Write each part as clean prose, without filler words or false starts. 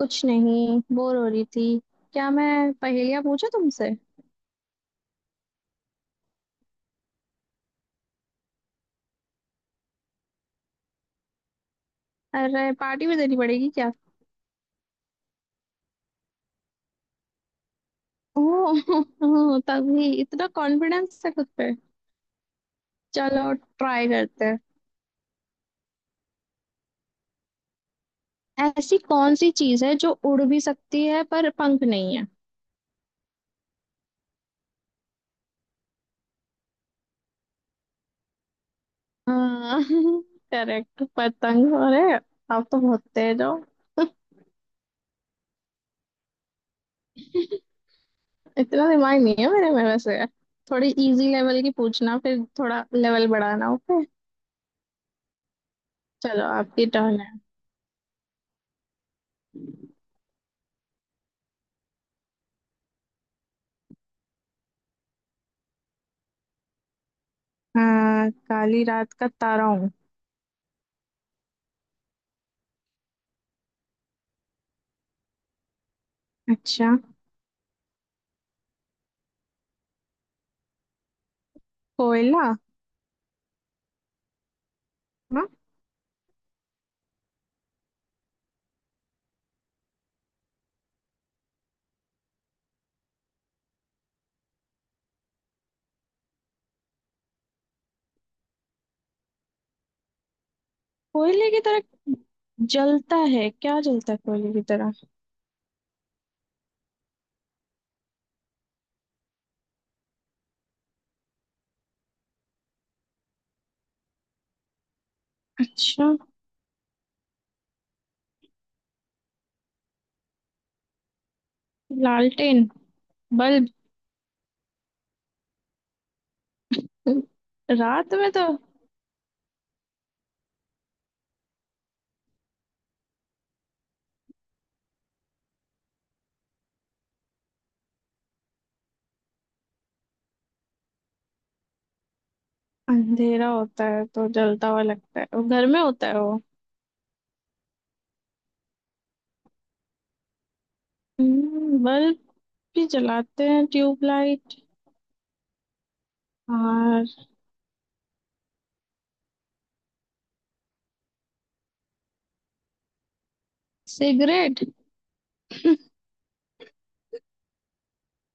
कुछ नहीं, बोर हो रही थी। क्या मैं पहेलियां पूछूं तुमसे? अरे पार्टी भी देनी पड़ेगी क्या? ओह तभी इतना कॉन्फिडेंस है खुद पे। चलो ट्राई करते हैं। ऐसी कौन सी चीज है जो उड़ भी सकती है पर पंख नहीं है? हाँ करेक्ट, पतंग। अरे आप तो बहुत तेज हो। इतना दिमाग नहीं है मेरे में वैसे। थोड़ी इजी लेवल की पूछना, फिर थोड़ा लेवल बढ़ाना, ओके। चलो आपकी टर्न है। हाँ, काली रात का तारा हूँ। अच्छा। कोयला। ना? कोयले की तरह जलता है? क्या जलता है कोयले की तरह? अच्छा। लालटेन, बल्ब। रात में तो अंधेरा होता है तो जलता हुआ लगता है वो, घर में होता है वो। बल्ब भी जलाते हैं, ट्यूबलाइट। और? सिगरेट।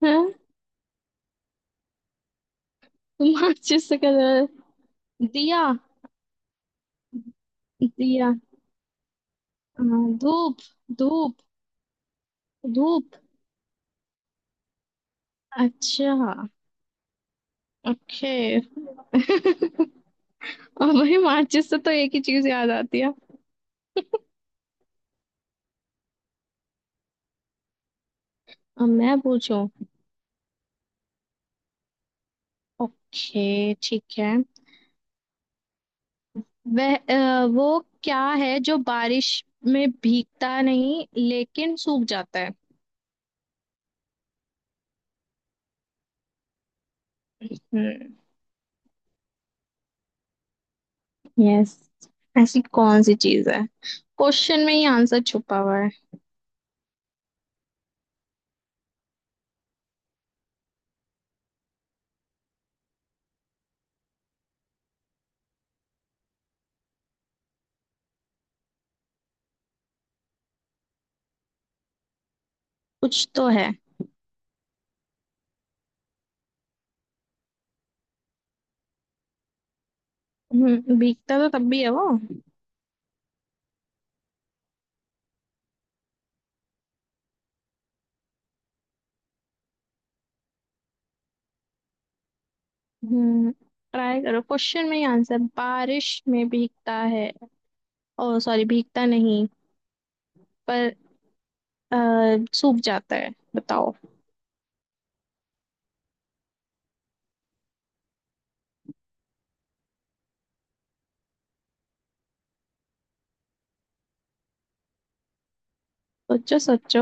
हैं? माचिस से क्या जला दिया? दिया। अ, धूप, धूप। धूप। अच्छा। ओके अब भाई, माचिस से तो एक ही चीज याद आती है। अब मैं पूछूं। ओके ठीक है। वह, वो क्या है जो बारिश में भीगता नहीं लेकिन सूख जाता है? हम्म। यस। ऐसी कौन सी चीज है? क्वेश्चन में ही आंसर छुपा हुआ है। कुछ तो है। हम्म, भीगता तो तब भी है वो। हम्म। ट्राई करो, क्वेश्चन में ही आंसर। बारिश में भीगता है, ओ सॉरी भीगता नहीं, पर अ, सूख जाता है। बताओ। सोचो सोचो।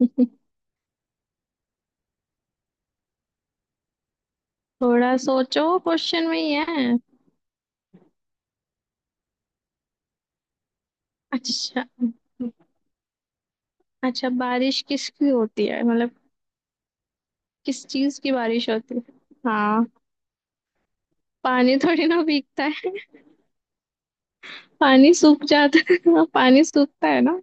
थोड़ा सोचो, क्वेश्चन में ही है। अच्छा। अच्छा बारिश किसकी होती है मतलब? किस चीज की बारिश होती है? हाँ। पानी थोड़ी ना भीगता है। पानी सूख जाता है पानी सूखता है ना।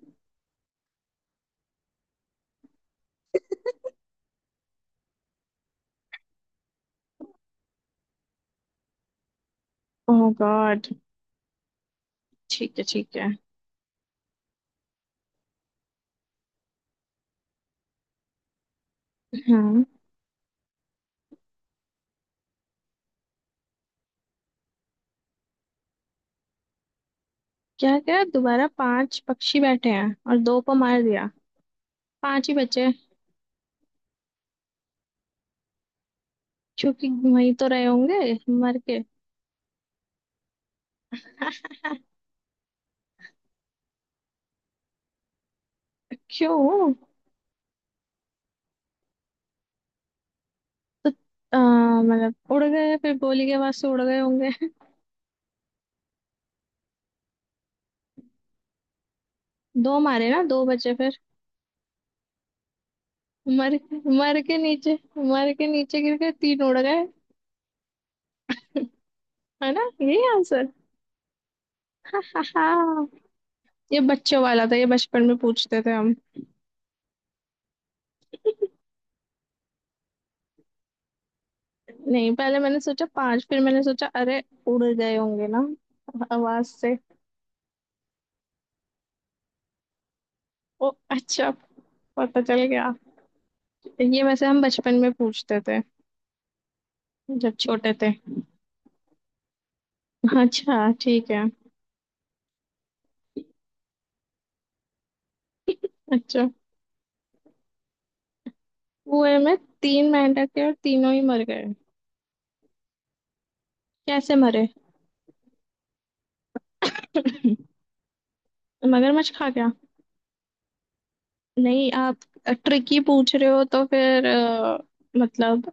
ओह गॉड। ठीक है ठीक है। हाँ। क्या क्या? दोबारा, पांच पक्षी बैठे हैं और दो को मार दिया? पांच ही बचे। क्योंकि वहीं तो रहे होंगे मर के क्यों? मतलब उड़ गए, फिर गोली के आवाज से उड़ गए होंगे। दो मारे ना, दो बचे फिर। मर मर के नीचे मर के नीचे गिर के, तीन उड़ गए। है ना, यही आंसर? हा ये बच्चों वाला था, ये बचपन में पूछते थे हम। नहीं पहले मैंने सोचा पांच, फिर मैंने सोचा अरे उड़ गए होंगे ना आवाज से। ओ अच्छा। पता चल गया। ये वैसे हम बचपन में पूछते थे जब छोटे थे। अच्छा ठीक है। अच्छा, कुएं में तीन मेंढक थे और तीनों ही मर गए? कैसे मरे? मगरमच्छ खा गया? नहीं, आप ट्रिकी पूछ रहे हो तो फिर मतलब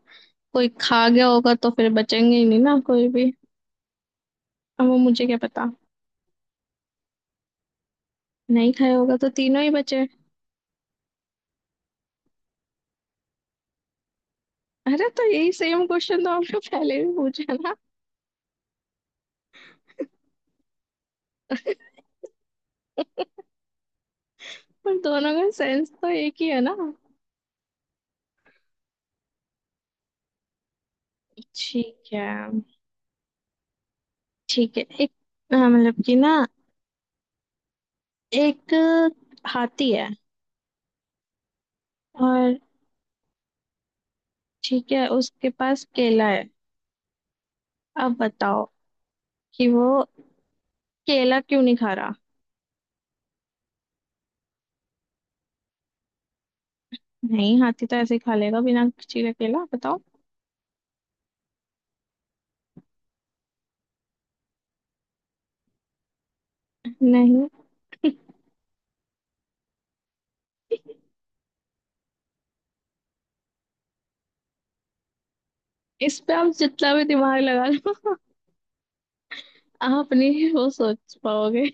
कोई खा गया होगा तो फिर बचेंगे ही नहीं ना कोई भी। अब वो मुझे क्या पता। नहीं खाया होगा तो तीनों ही बचे। अरे तो यही सेम क्वेश्चन तो आपने पहले भी पूछा ना। पर दोनों का सेंस तो एक ही है ना। ठीक है ठीक है। एक, मतलब कि ना, एक हाथी है। और ठीक है, उसके पास केला है। अब बताओ कि वो केला क्यों नहीं खा रहा? नहीं हाथी तो ऐसे ही खा लेगा बिना चीरे केला, बताओ। नहीं। इस पे आप जितना भी दिमाग लगा लो, आप नहीं वो सोच पाओगे।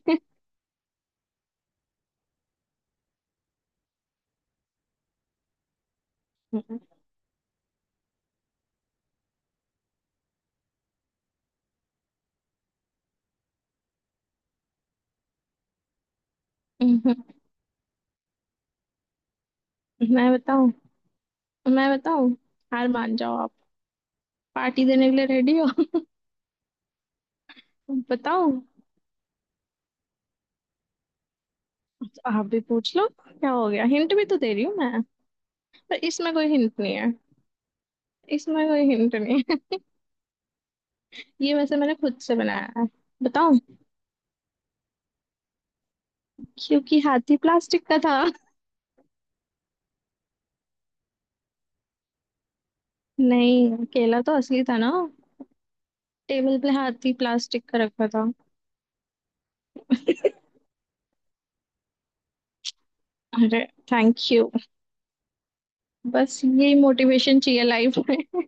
मैं बताऊं? मैं बताऊं? हार मान जाओ आप। पार्टी देने के लिए रेडी हो? बताओ। आप भी पूछ लो, क्या हो गया, हिंट भी तो दे रही हूँ मैं। पर इसमें कोई हिंट नहीं है, इसमें कोई हिंट नहीं है। ये वैसे मैंने खुद से बनाया है। बताओ। क्योंकि हाथी प्लास्टिक का था। नहीं, केला तो असली था ना। टेबल पे हाथी प्लास्टिक का रखा था। अरे, थैंक यू। बस यही मोटिवेशन चाहिए लाइफ में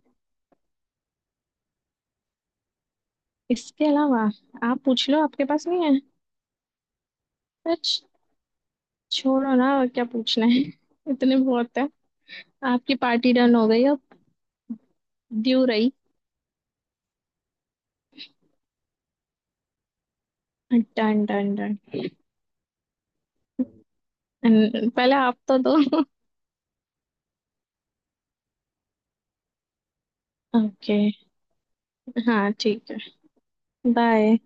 इसके अलावा आप पूछ लो, आपके पास नहीं है? सच? छोड़ो ना, और क्या पूछना है इतने बहुत है। आपकी पार्टी डन हो गई अब। ड्यू रही। Done done done. पहले आप तो दो ओके। हाँ ठीक है। बाय।